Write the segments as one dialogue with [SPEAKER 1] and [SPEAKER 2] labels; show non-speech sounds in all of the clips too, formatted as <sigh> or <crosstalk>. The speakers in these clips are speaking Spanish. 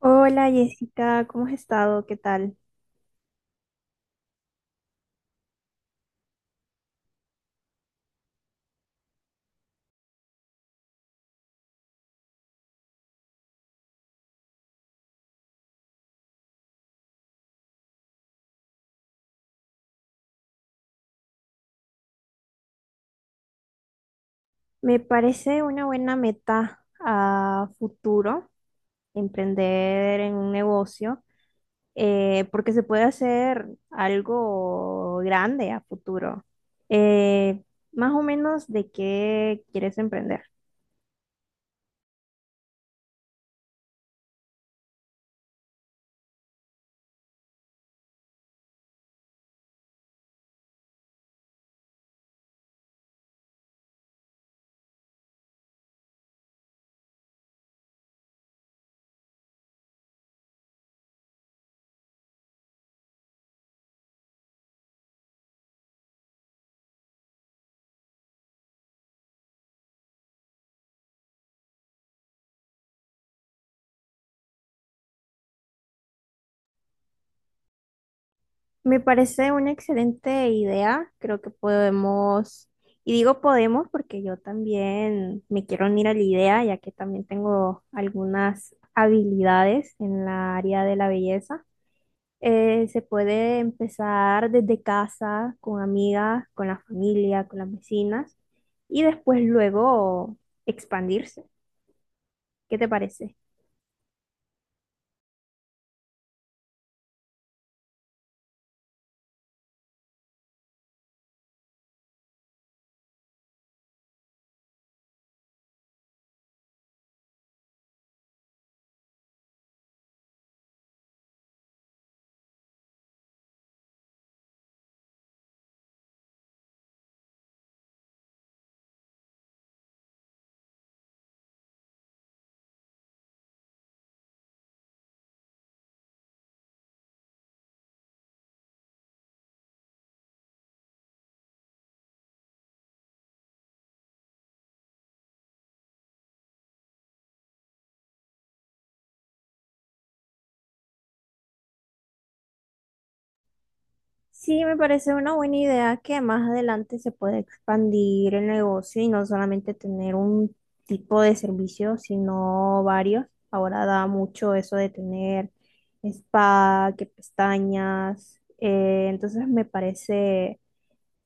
[SPEAKER 1] Hola Jessica, ¿cómo has estado? ¿Qué tal? Me parece una buena meta a futuro emprender en un negocio, porque se puede hacer algo grande a futuro. Eh, Más o menos, ¿de qué quieres emprender? Me parece una excelente idea. Creo que podemos, y digo podemos porque yo también me quiero unir a la idea, ya que también tengo algunas habilidades en la área de la belleza. Se puede empezar desde casa, con amigas, con la familia, con las vecinas, y después luego expandirse. ¿Qué te parece? Sí, me parece una buena idea que más adelante se pueda expandir el negocio y no solamente tener un tipo de servicio, sino varios. Ahora da mucho eso de tener spa, que pestañas. Entonces me parece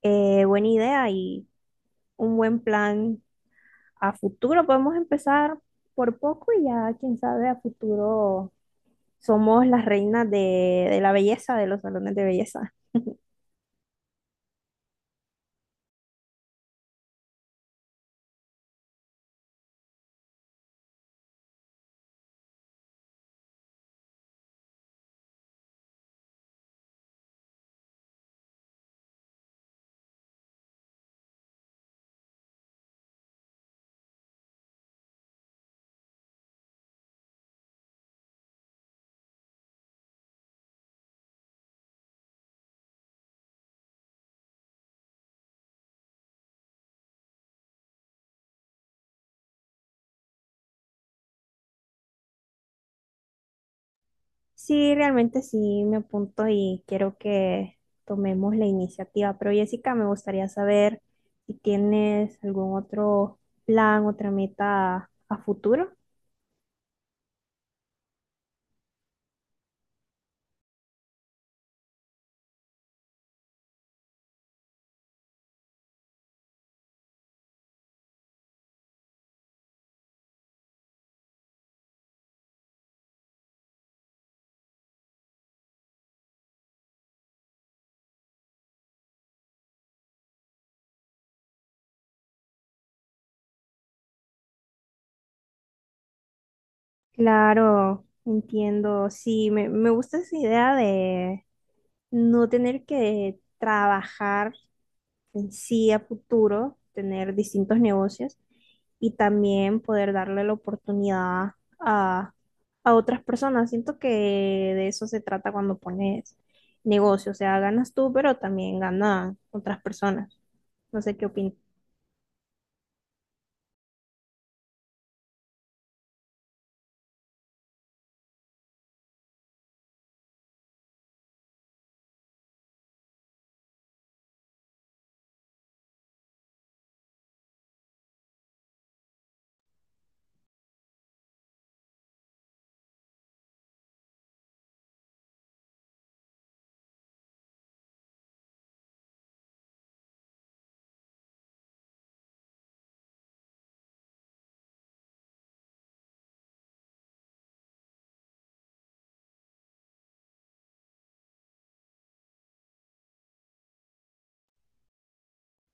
[SPEAKER 1] buena idea y un buen plan a futuro. Podemos empezar por poco y ya, quién sabe, a futuro somos las reinas de la belleza, de los salones de belleza. Sí, realmente sí me apunto y quiero que tomemos la iniciativa. Pero Jessica, me gustaría saber si tienes algún otro plan, otra meta a futuro. Claro, entiendo. Sí, me gusta esa idea de no tener que trabajar sí a futuro, tener distintos negocios y también poder darle la oportunidad a, a otras personas. Siento que de eso se trata cuando pones negocio, o sea, ganas tú, pero también ganan otras personas. No sé qué opinas.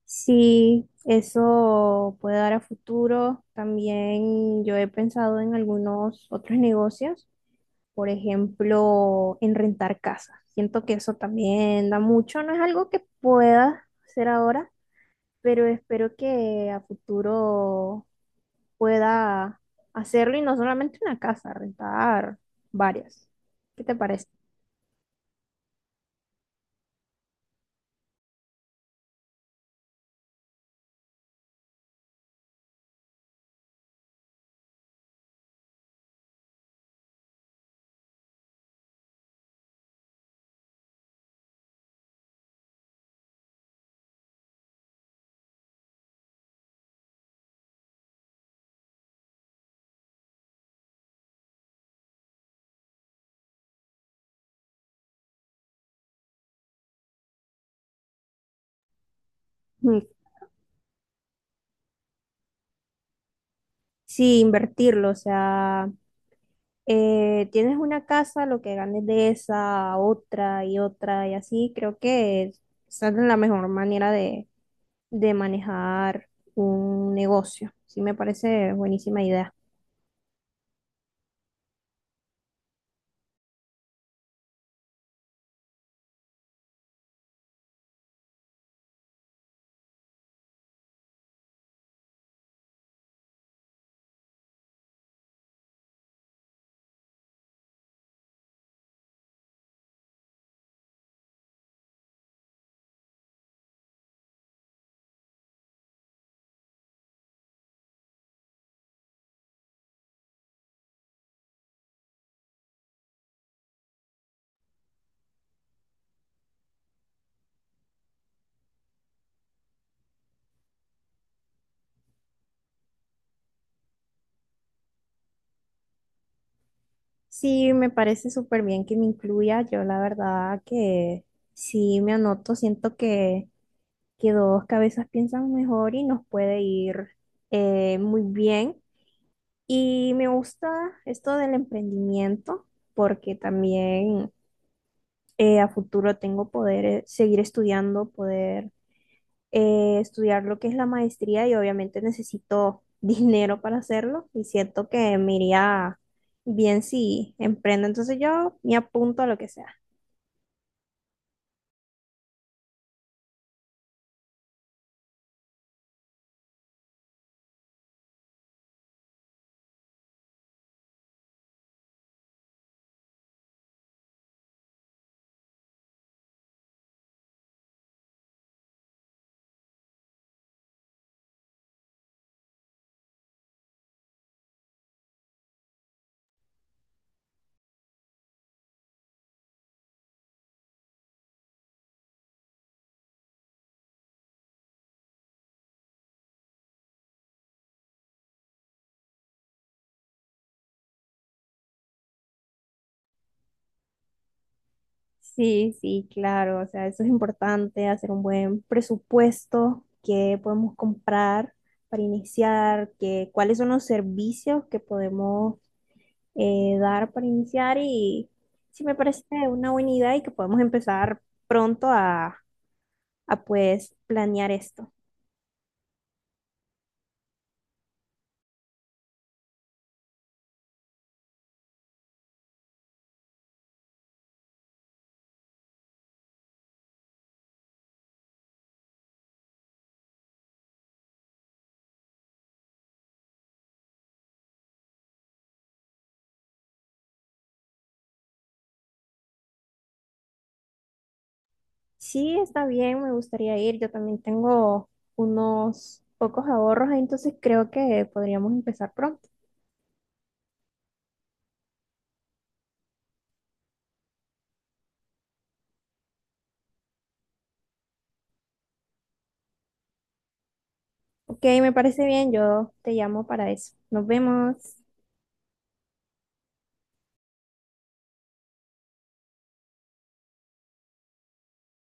[SPEAKER 1] Sí, eso puede dar a futuro. También yo he pensado en algunos otros negocios, por ejemplo, en rentar casas. Siento que eso también da mucho, no es algo que pueda hacer ahora, pero espero que a futuro pueda hacerlo y no solamente una casa, rentar varias. ¿Qué te parece? Mm, Sí, invertirlo, o sea, tienes una casa, lo que ganes de esa, otra y otra y así, creo que esa es la mejor manera de manejar un negocio. Sí, me parece buenísima idea. Sí, me parece súper bien que me incluya. Yo la verdad que sí me anoto. Siento que dos cabezas piensan mejor y nos puede ir muy bien. Y me gusta esto del emprendimiento porque también a futuro tengo poder seguir estudiando, poder estudiar lo que es la maestría y obviamente necesito <laughs> dinero para hacerlo y siento que me iría bien si emprendo. Entonces yo me apunto a lo que sea. Sí, sí, claro, o sea, eso es importante, hacer un buen presupuesto, qué podemos comprar para iniciar, qué, cuáles son los servicios que podemos dar para iniciar y sí me parece una buena idea y que podemos empezar pronto a pues planear esto. Sí, está bien, me gustaría ir. Yo también tengo unos pocos ahorros, entonces creo que podríamos empezar pronto. Ok, me parece bien, yo te llamo para eso. Nos vemos.